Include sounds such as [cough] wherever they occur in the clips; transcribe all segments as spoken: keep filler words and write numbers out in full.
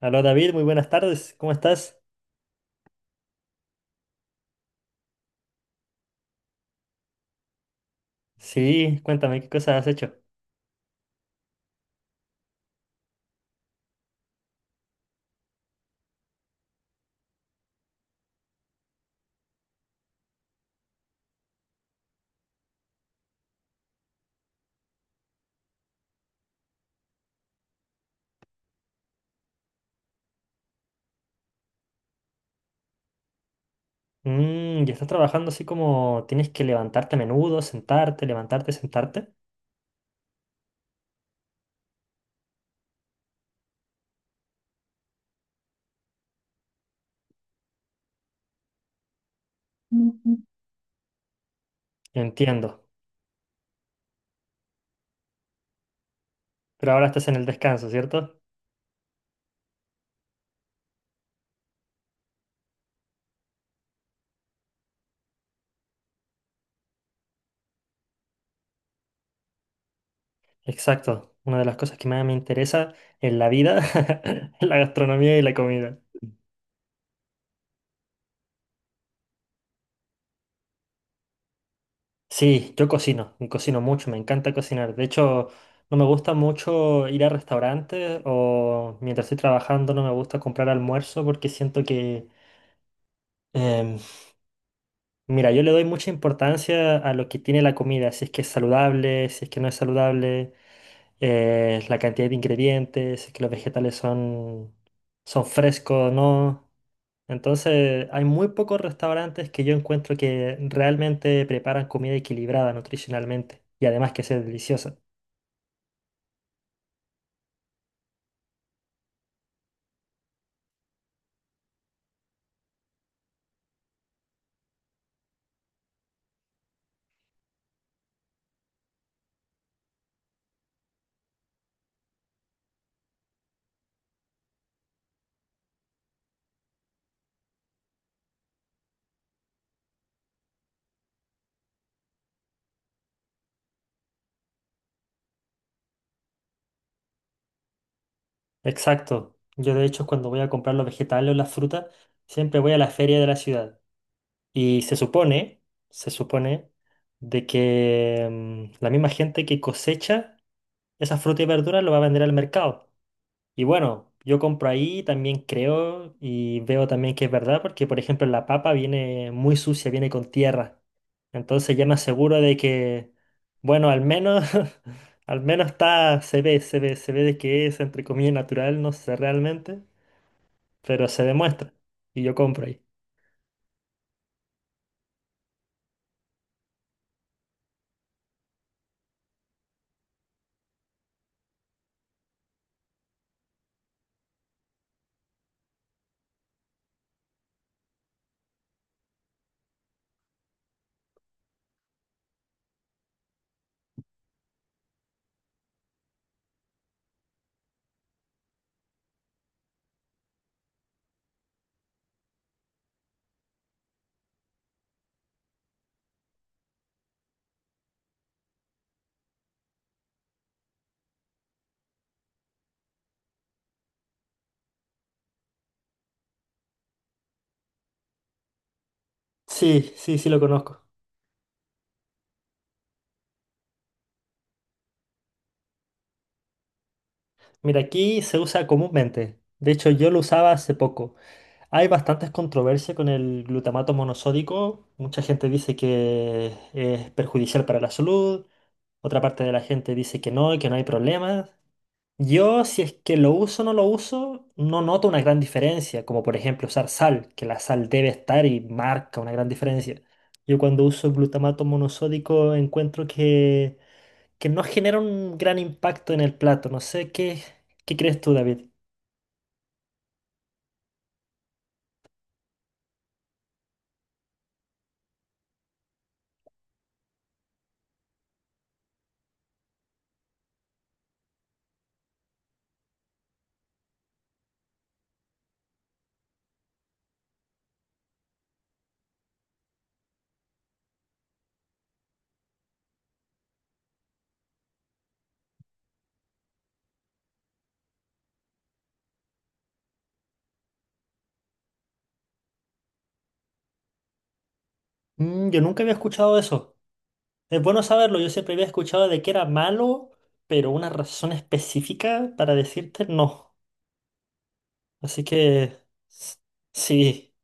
Aló David, muy buenas tardes, ¿cómo estás? Sí, cuéntame, ¿qué cosas has hecho? Mmm, ¿y estás trabajando así como tienes que levantarte a menudo, sentarte, levantarte, sentarte? Entiendo, pero ahora estás en el descanso, ¿cierto? Exacto, una de las cosas que más me interesa en la vida [laughs] es la gastronomía y la comida. Sí, yo cocino, y cocino mucho, me encanta cocinar. De hecho, no me gusta mucho ir a restaurantes o mientras estoy trabajando no me gusta comprar almuerzo porque siento que... em, Mira, yo le doy mucha importancia a lo que tiene la comida, si es que es saludable, si es que no es saludable, eh, la cantidad de ingredientes, si es que los vegetales son, son frescos o no. Entonces, hay muy pocos restaurantes que yo encuentro que realmente preparan comida equilibrada nutricionalmente y además que sea deliciosa. Exacto. Yo de hecho cuando voy a comprar los vegetales o las frutas, siempre voy a la feria de la ciudad. Y se supone, se supone de que mm, la misma gente que cosecha esas frutas y verduras lo va a vender al mercado. Y bueno, yo compro ahí, también creo y veo también que es verdad, porque por ejemplo la papa viene muy sucia, viene con tierra. Entonces ya me aseguro de que, bueno, al menos, [laughs] al menos está, se ve, se ve, se ve de que es entre comillas natural, no sé realmente, pero se demuestra. Y yo compro ahí. Sí, sí, sí lo conozco. Mira, aquí se usa comúnmente. De hecho, yo lo usaba hace poco. Hay bastantes controversias con el glutamato monosódico. Mucha gente dice que es perjudicial para la salud. Otra parte de la gente dice que no, y que no hay problemas. Yo, si es que lo uso o no lo uso, no noto una gran diferencia. Como por ejemplo usar sal, que la sal debe estar y marca una gran diferencia. Yo cuando uso glutamato monosódico encuentro que, que no genera un gran impacto en el plato. No sé qué. ¿Qué crees tú, David? Mm, yo nunca había escuchado eso. Es bueno saberlo, yo siempre había escuchado de que era malo, pero una razón específica para decirte no. Así que s- sí,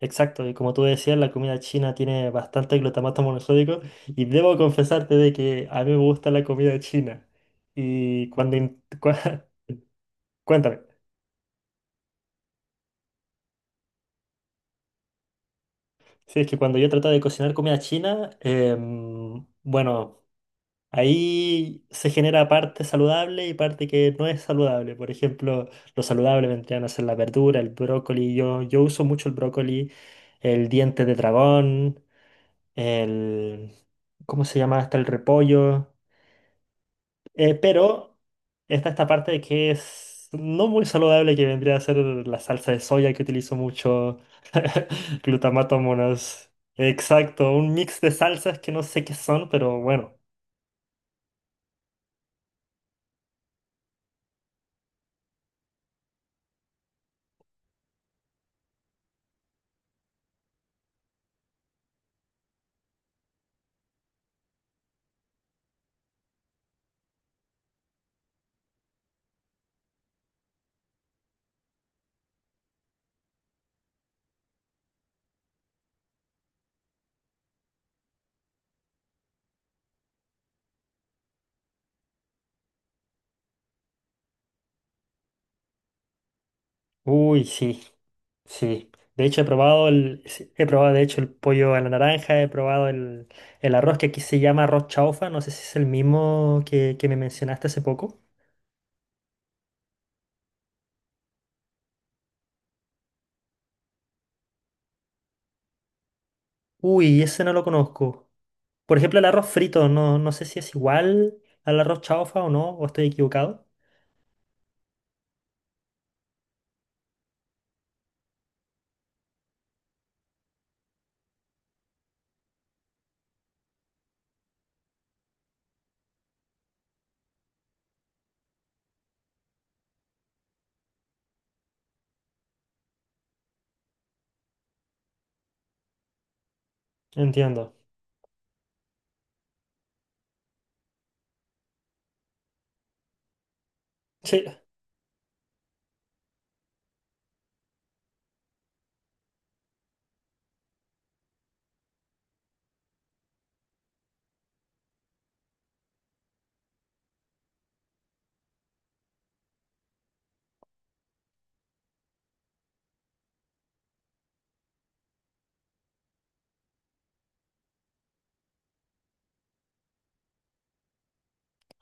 exacto. Y como tú decías, la comida china tiene bastante glutamato monosódico y debo confesarte de que a mí me gusta la comida china. Y cuando... in- [laughs] cua- Cuéntame. Sí, es que cuando yo trataba de cocinar comida china, em, bueno... Ahí se genera parte saludable y parte que no es saludable. Por ejemplo, lo saludable vendrían a ser la verdura, el brócoli. Yo, yo uso mucho el brócoli, el diente de dragón, el... ¿Cómo se llama? Hasta el repollo. Eh, pero está esta parte de que es no muy saludable que vendría a ser la salsa de soya que utilizo mucho. [laughs] Glutamato monas. Exacto, un mix de salsas que no sé qué son, pero bueno. Uy, sí. Sí, de hecho he probado el, sí, he probado de hecho el pollo a la naranja, he probado el, el arroz que aquí se llama arroz chaufa, no sé si es el mismo que, que me mencionaste hace poco. Uy, ese no lo conozco. Por ejemplo, el arroz frito, no, no sé si es igual al arroz chaufa o no, o estoy equivocado. Entiendo. Sí.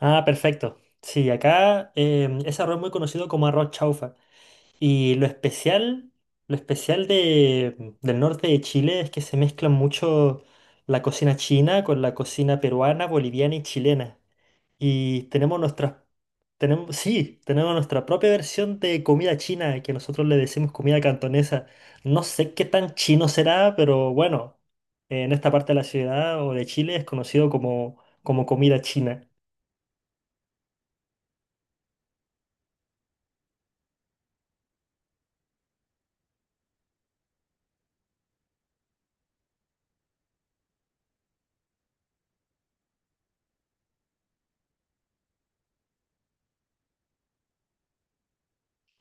Ah, perfecto. Sí, acá eh, ese arroz es muy conocido como arroz chaufa. Y lo especial, lo especial de, del norte de Chile es que se mezclan mucho la cocina china con la cocina peruana, boliviana y chilena. Y tenemos nuestra, tenemos, sí, tenemos nuestra propia versión de comida china, que nosotros le decimos comida cantonesa. No sé qué tan chino será, pero bueno, en esta parte de la ciudad o de Chile es conocido como, como comida china.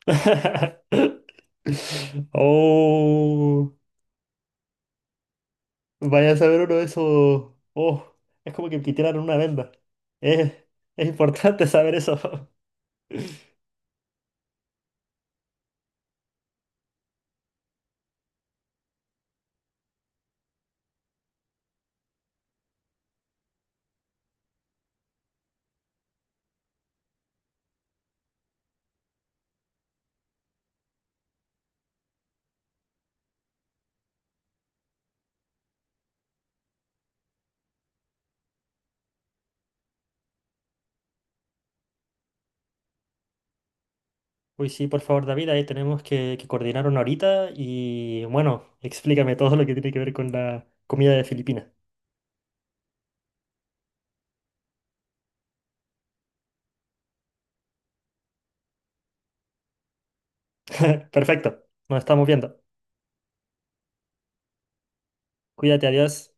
[laughs] Oh. Vaya a saber uno de esos. Oh, es como que me quitaran una venda. Es, es importante saber eso. [laughs] Uy, sí, por favor, David, ahí tenemos que, que coordinar una horita y bueno, explícame todo lo que tiene que ver con la comida de Filipinas. [laughs] Perfecto, nos estamos viendo. Cuídate, adiós.